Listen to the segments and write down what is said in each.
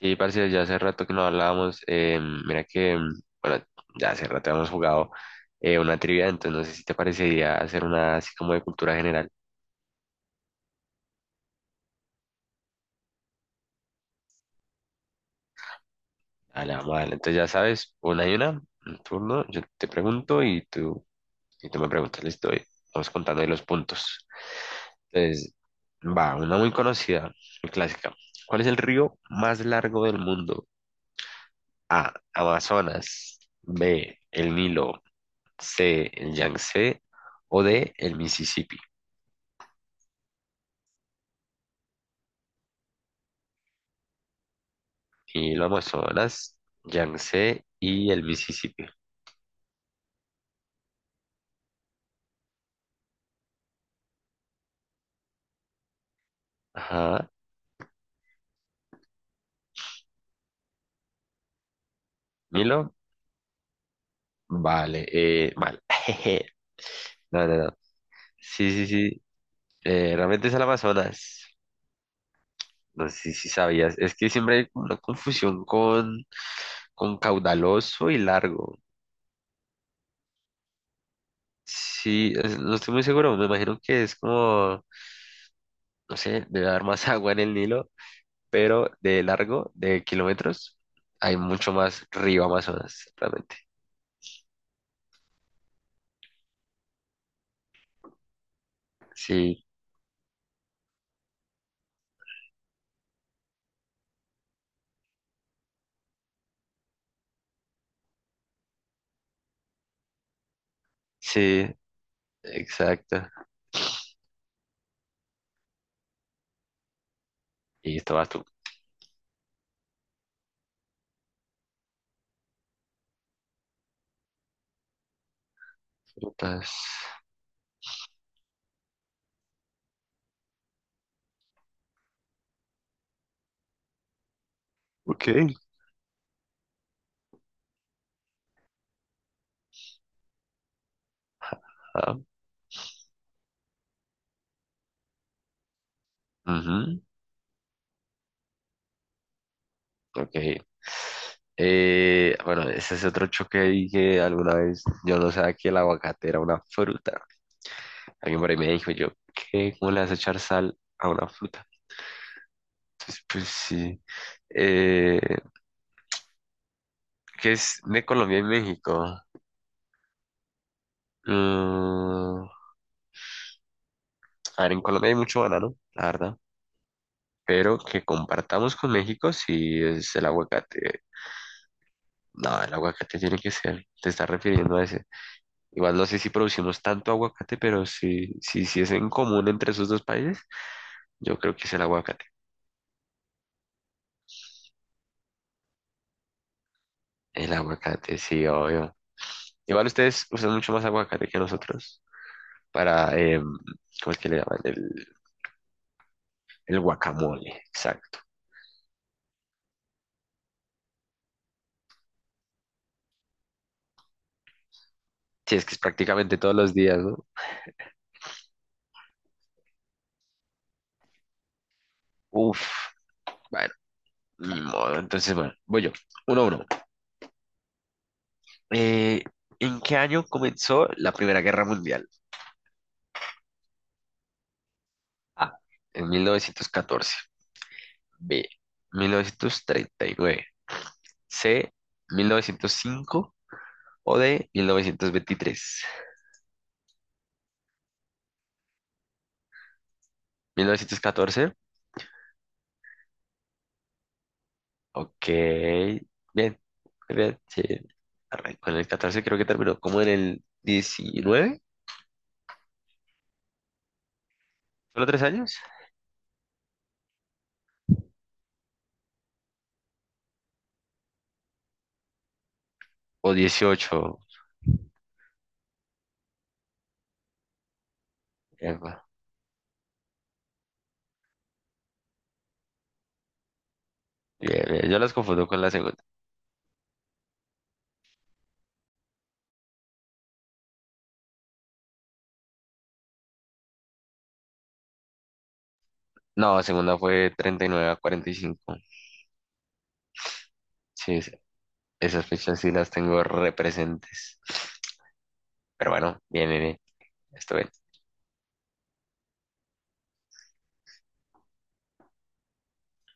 Sí, parce, ya hace rato que no hablábamos. Mira que, bueno, ya hace rato hemos jugado una trivia, entonces no sé si te parecería hacer una así como de cultura general. A la madre. Entonces ya sabes, una y una, un turno, yo te pregunto y tú, me preguntas, listo, y vamos contando ahí los puntos. Entonces, va, una muy conocida, muy clásica. ¿Cuál es el río más largo del mundo? A, Amazonas; B, el Nilo; C, el Yangtze; o D, el Mississippi. Y el Amazonas, Yangtze y el Mississippi. Ajá. Nilo, vale, mal. Jeje. No, no, no. Sí, sí, sí. Realmente es el Amazonas. No sé si sabías. Es que siempre hay como una confusión con, caudaloso y largo. Sí, no estoy muy seguro. Me imagino que es como, no sé, debe haber más agua en el Nilo, pero de largo, de kilómetros, hay mucho más río Amazonas, realmente. Sí, sí. Exacto. Y estabas tú. Putas. Ok. Ah, ujú, ok. Bueno, ese es otro choque ahí que alguna vez yo no sabía que el aguacate era una fruta. Alguien por ahí me dijo yo, ¿qué? ¿Cómo le vas a echar sal a una fruta? Entonces, pues sí. Eh, ¿Qué es de Colombia y México? Mm, a ver, en Colombia hay mucho banano, la verdad. Pero que compartamos con México sí es el aguacate. No, el aguacate tiene que ser, te estás refiriendo a ese. Igual no sé si producimos tanto aguacate, pero si es en común entre esos dos países, yo creo que es el aguacate. El aguacate, sí, obvio. Igual ustedes usan mucho más aguacate que nosotros para, ¿cómo es que le llaman? El guacamole, exacto. Sí, es que es prácticamente todos los días, ¿no? Uf, bueno, ni modo. Entonces, bueno, voy yo. 1-1. Eh, ¿En qué año comenzó la Primera Guerra Mundial? Ah, en 1914. B, 1939, C, 1905 o D, 1923, 1914. Ok, bien, muy bien, sí. Arrancó con el catorce, creo que terminó como en el diecinueve. Solo tres años, o dieciocho. Epa, bien, bien, yo las confundo con la segunda. No, la segunda fue 1939 a 1945. Sí, esas fechas sí las tengo representes. Pero bueno, bien, bien, bien. Esto bien.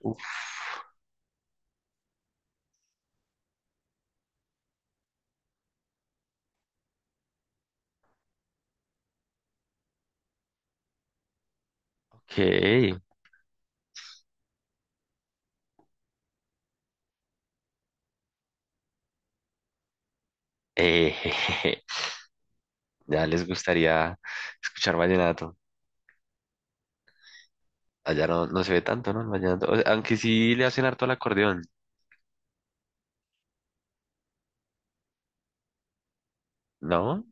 Uf, ok. Eh, ya les gustaría escuchar vallenato. Allá no, no se ve tanto, ¿no? El vallenato. O sea, aunque sí le hacen harto al acordeón, ¿no?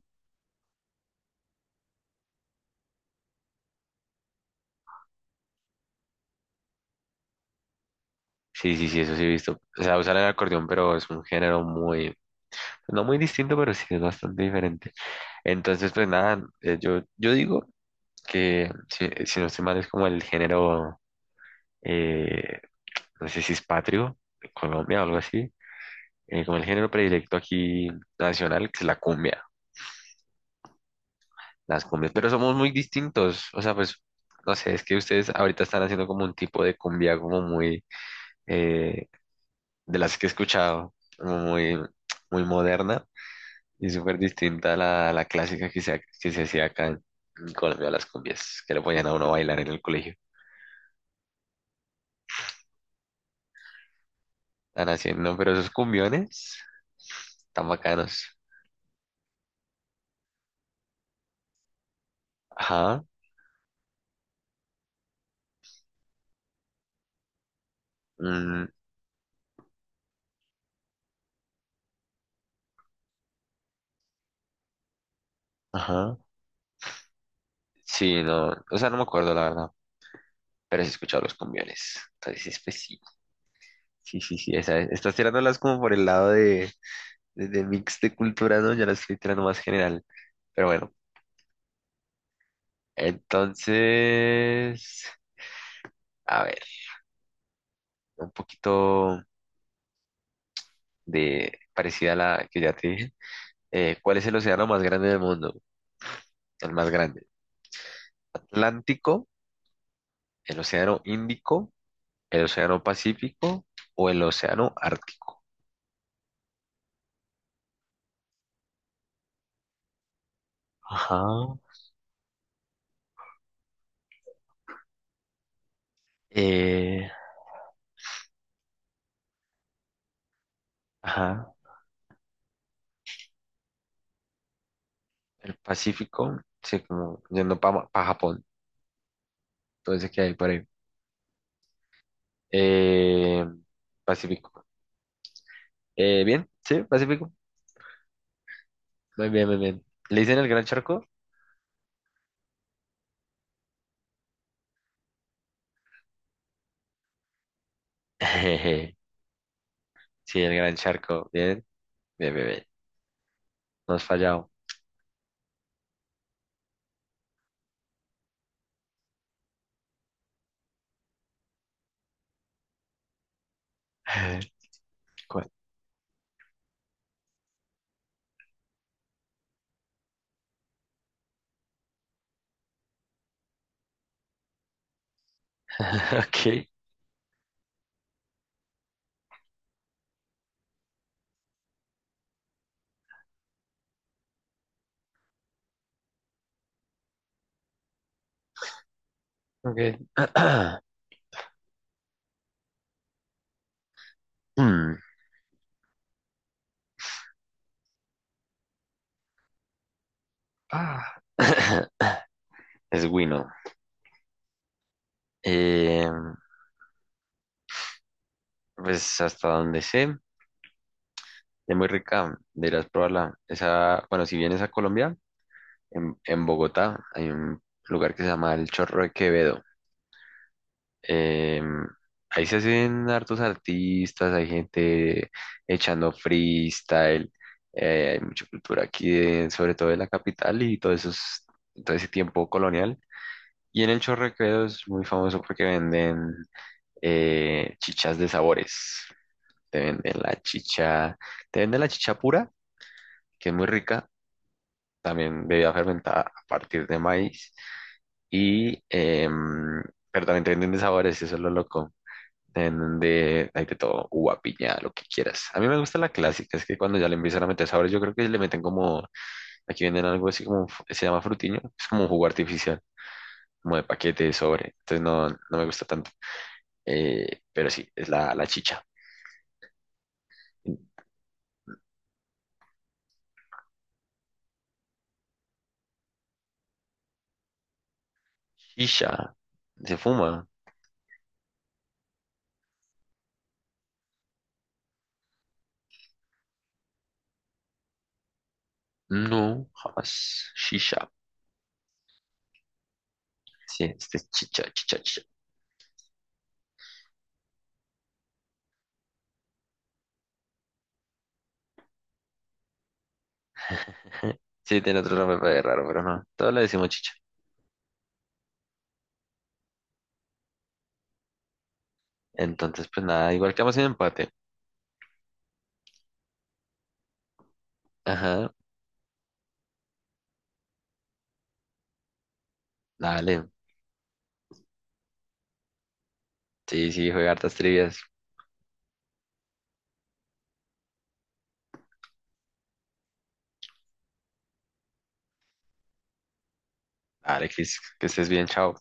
Sí, sí, sí, eso sí he visto. O sea, usar el acordeón, pero es un género muy, no muy distinto, pero sí es bastante diferente. Entonces, pues nada, yo digo que si no estoy mal es como el género, eh, no sé si es patrio, de Colombia o algo así, como el género predilecto aquí nacional, que es la cumbia. Las cumbias, pero somos muy distintos, o sea, pues, no sé, es que ustedes ahorita están haciendo como un tipo de cumbia como muy, eh, de las que he escuchado, como muy, muy moderna y súper distinta a a la clásica que que se hacía acá en Colombia, las cumbias, que le ponían a uno a bailar en el colegio. Están haciendo, pero esos cumbiones tan bacanos. Ajá, mm, ajá, sí, no, o sea, no me acuerdo la verdad, pero sí he escuchado los cumbiones, entonces, pues sí. Sí, sí, sí, esa es. Estás tirándolas como por el lado de mix de cultura, ¿no? Ya las estoy tirando más general. Pero bueno, entonces, a ver, un poquito de parecida a la que ya te dije. ¿Cuál es el océano más grande del mundo? El más grande. ¿Atlántico, el océano Índico, el océano Pacífico o el océano Ártico? Ajá. Eh, ajá. El Pacífico, sí, como yendo para Japón. Entonces, ¿qué hay por ahí? Eh, Pacífico. Bien, sí, Pacífico. Muy bien, muy bien. ¿Le dicen el gran charco? Sí, el gran charco. Bien, bien, bien, bien. No has fallado. ¿Cuál? Ok, ok. Mm. Ah. Es Wino. Eh, pues hasta donde sé, es muy rica. Deberás probarla. Esa, bueno, si vienes a Colombia, en, Bogotá hay un lugar que se llama El Chorro de Quevedo. Em, Ahí se hacen hartos artistas, hay gente echando freestyle, hay mucha cultura aquí, sobre todo de la capital y todo eso todo ese tiempo colonial. Y en el Chorrequedo es muy famoso porque venden chichas de sabores. Te venden la chicha, te venden la chicha pura, que es muy rica, también bebida fermentada a partir de maíz. Y, pero también te venden de sabores, eso es lo loco. En donde hay de todo, uva, piña, lo que quieras. A mí me gusta la clásica, es que cuando ya le empiezan a meter sabores, yo creo que le meten como, aquí venden algo así como, se llama frutiño, es como un jugo artificial, como de paquete, de sobre, entonces no, no me gusta tanto. Pero sí, es la chicha. Shisha, ¿se fuma? No, jamás. Shisha. Sí, este es chicha, chicha, chicha. Sí, tiene otro nombre pero es raro, pero no. Todos le decimos chicha. Entonces, pues nada, igual quedamos en empate. Ajá, dale. Sí, sí, juega hartas trivias. Alexis, que estés bien, chao.